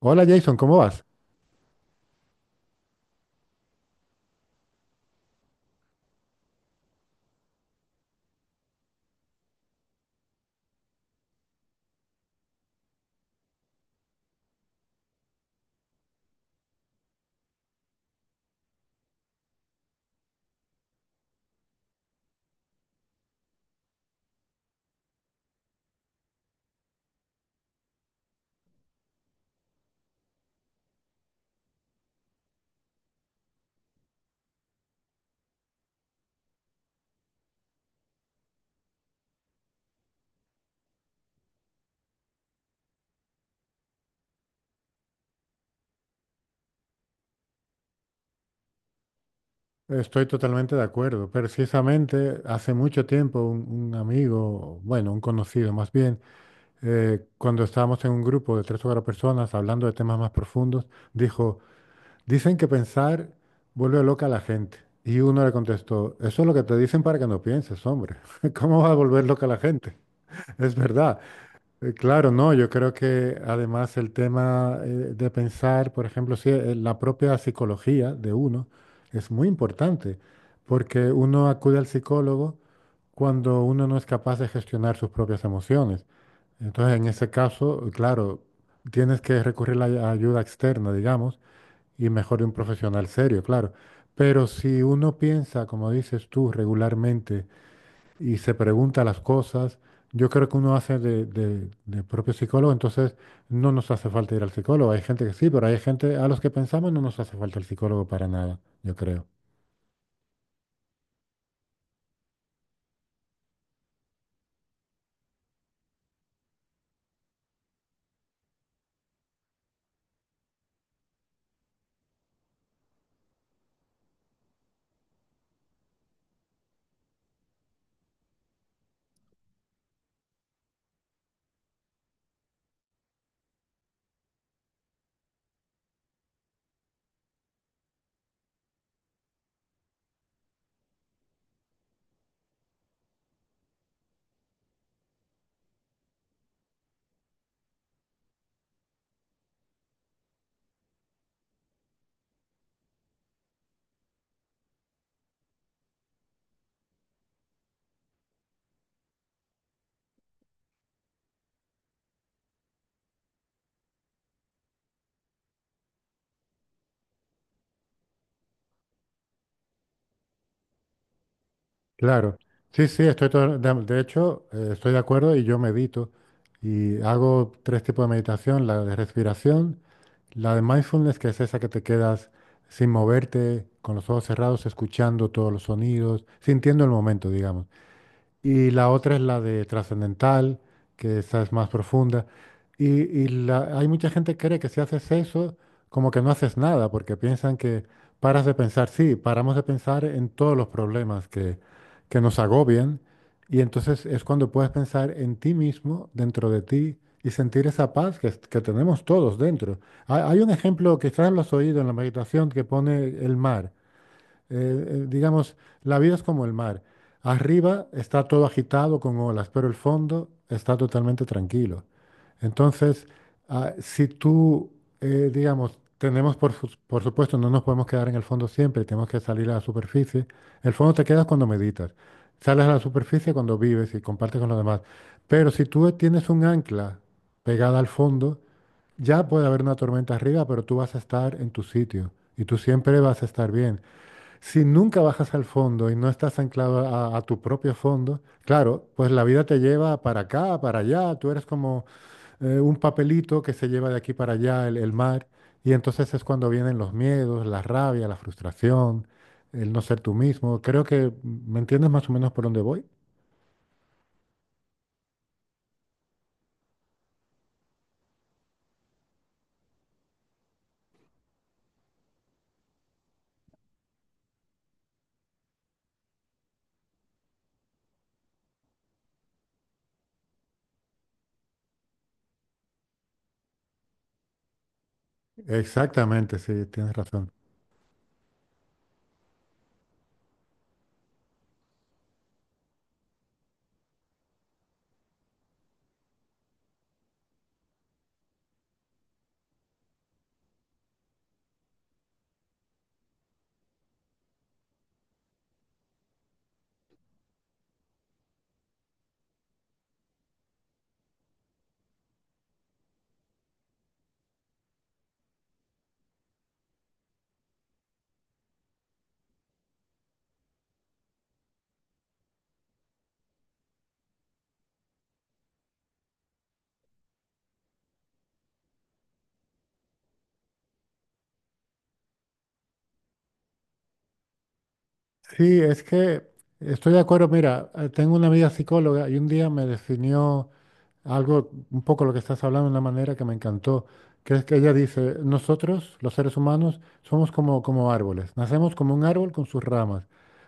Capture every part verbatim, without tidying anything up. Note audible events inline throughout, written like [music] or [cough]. Hola Jason, ¿cómo vas? Estoy totalmente de acuerdo. Precisamente hace mucho tiempo un, un amigo, bueno, un conocido más bien, eh, cuando estábamos en un grupo de tres o cuatro personas hablando de temas más profundos, dijo, dicen que pensar vuelve loca a la gente. Y uno le contestó, eso es lo que te dicen para que no pienses, hombre. [laughs] ¿Cómo va a volver loca a la gente? [laughs] Es verdad. Eh, Claro, no, yo creo que además el tema eh, de pensar, por ejemplo, sí, eh, la propia psicología de uno es muy importante, porque uno acude al psicólogo cuando uno no es capaz de gestionar sus propias emociones. Entonces, en ese caso, claro, tienes que recurrir a la ayuda externa, digamos, y mejor de un profesional serio, claro. Pero si uno piensa, como dices tú, regularmente, y se pregunta las cosas. Yo creo que uno hace de, de- de propio psicólogo, entonces no nos hace falta ir al psicólogo. Hay gente que sí, pero hay gente a los que pensamos no nos hace falta el psicólogo para nada, yo creo. Claro, sí, sí, estoy todo- de, de hecho, eh, estoy de acuerdo y yo medito y hago tres tipos de meditación, la de respiración, la de mindfulness, que es esa que te quedas sin moverte, con los ojos cerrados, escuchando todos los sonidos, sintiendo el momento, digamos. Y la otra es la de trascendental, que esa es más profunda. Y, y la- hay mucha gente que cree que si haces eso, como que no haces nada, porque piensan que paras de pensar, sí, paramos de pensar en todos los problemas que, que nos agobian, y entonces es cuando puedes pensar en ti mismo, dentro de ti, y sentir esa paz que, es- que tenemos todos dentro. Hay, hay un ejemplo, quizás lo has oído en la meditación, que pone el mar. Eh, eh, digamos, la vida es como el mar. Arriba está todo agitado con olas, pero el fondo está totalmente tranquilo. Entonces, ah, si tú, eh, digamos, tenemos, por, su- por supuesto, no nos podemos quedar en el fondo siempre, tenemos que salir a la superficie. El fondo te quedas cuando meditas, sales a la superficie cuando vives y compartes con los demás. Pero si tú tienes un ancla pegada al fondo, ya puede haber una tormenta arriba, pero tú vas a estar en tu sitio y tú siempre vas a estar bien. Si nunca bajas al fondo y no estás anclado a, a tu propio fondo, claro, pues la vida te lleva para acá, para allá, tú eres como eh, un papelito que se lleva de aquí para allá el, el mar, y entonces es cuando vienen los miedos, la rabia, la frustración, el no ser tú mismo. Creo que mm, me entiendes más o menos por dónde voy. Exactamente, sí, tienes razón. Sí, es que estoy de acuerdo. Mira, eh, tengo una amiga psicóloga y un día me definió algo, un poco lo que estás hablando, de una manera que me encantó, que es que ella dice, nosotros, los seres humanos, somos como, como árboles, nacemos como un árbol con sus ramas,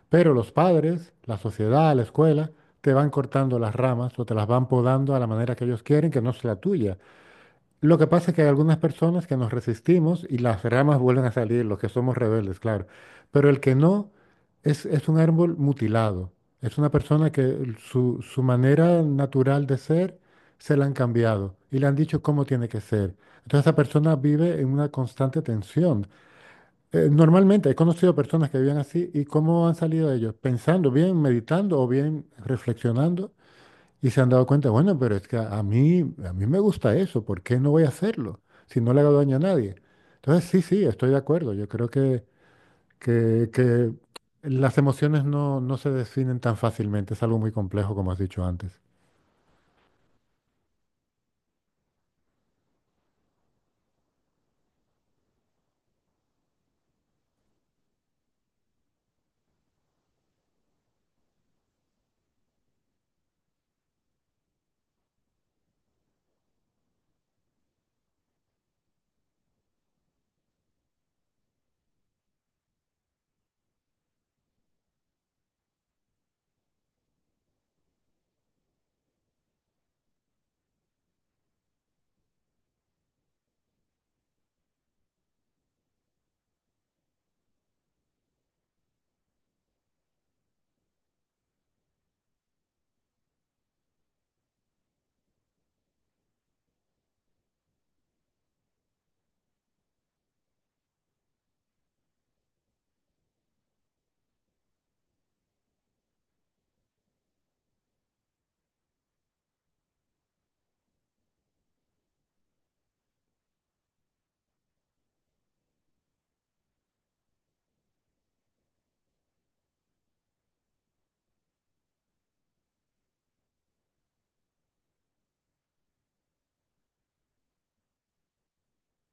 pero los padres, la sociedad, la escuela, te van cortando las ramas o te las van podando a la manera que ellos quieren, que no es la tuya. Lo que pasa es que hay algunas personas que nos resistimos y las ramas vuelven a salir, los que somos rebeldes, claro. Pero el que no es, es un árbol mutilado. Es una persona que el- su, su manera natural de ser se la han cambiado y le han dicho cómo tiene que ser. Entonces esa persona vive en una constante tensión. Eh, normalmente he conocido personas que viven así y cómo han salido de ellos, pensando bien, meditando o bien reflexionando y se han dado cuenta, bueno, pero es que a a mí, a mí me gusta eso, ¿por qué no voy a hacerlo si no le hago daño a nadie? Entonces, sí, sí, estoy de acuerdo. Yo creo que, que, que las emociones no, no se definen tan fácilmente, es algo muy complejo, como has dicho antes.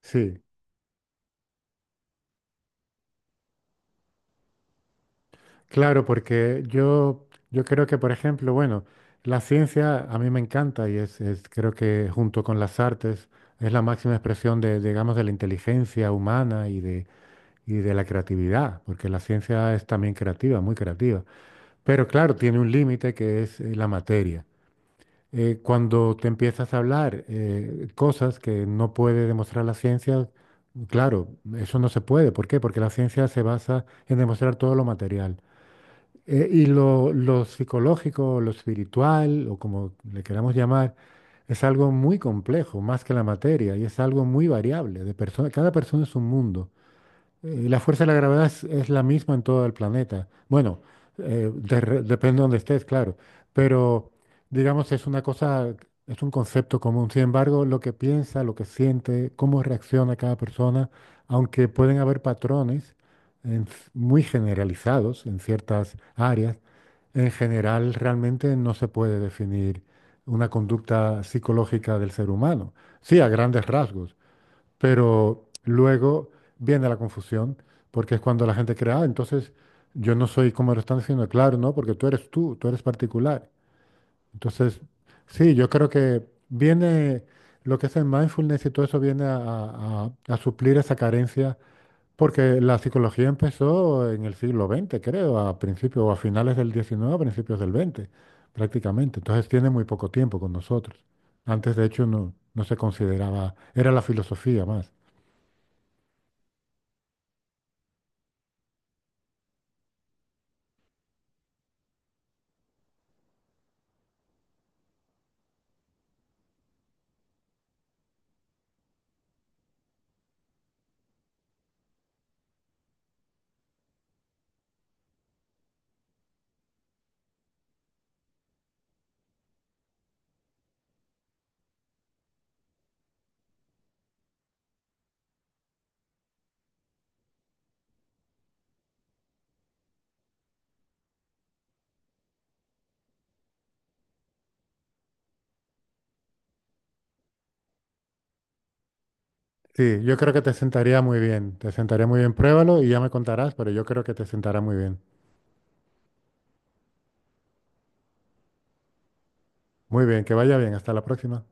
Sí, claro, porque yo, yo creo que, por ejemplo, bueno, la ciencia a mí me encanta y es, es- creo que junto con las artes es la máxima expresión de, digamos, de la inteligencia humana y de la creatividad, porque la ciencia es también creativa, muy creativa. Pero claro, tiene un límite que es eh, la materia. Eh, cuando te empiezas a hablar eh, cosas que no puede demostrar la ciencia, claro, eso no se puede. ¿Por qué? Porque la ciencia se basa en demostrar todo lo material. Eh, y lo, lo psicológico, lo espiritual, o como le queramos llamar, es algo muy complejo, más que la materia, y es algo muy variable. De persona, cada persona es un mundo. Eh, La fuerza de la gravedad es, es la misma en todo el planeta. Bueno, eh, de re- depende de donde estés, claro. Pero digamos, es una cosa, es un concepto común. Sin embargo, lo que piensa, lo que siente, cómo reacciona cada persona, aunque pueden haber patrones en c- muy generalizados en ciertas áreas, en general realmente no se puede definir una conducta psicológica del ser humano. Sí, a grandes rasgos, pero luego viene la confusión, porque es cuando la gente crea ah, entonces yo no soy como lo están diciendo, claro, no, porque tú eres tú, tú eres particular. Entonces, sí, yo creo que viene lo que es el mindfulness y todo eso viene a, a- a suplir esa carencia, porque la psicología empezó en el siglo veinte, creo, a principios o a finales del diecinueve, a principios del veinte, prácticamente. Entonces tiene muy poco tiempo con nosotros. Antes, de hecho, no, no se consideraba, era la filosofía más. Sí, yo creo que te sentaría muy bien. Te sentaría muy bien. Pruébalo y ya me contarás, pero yo creo que te sentará muy bien. Muy bien, que vaya bien. Hasta la próxima.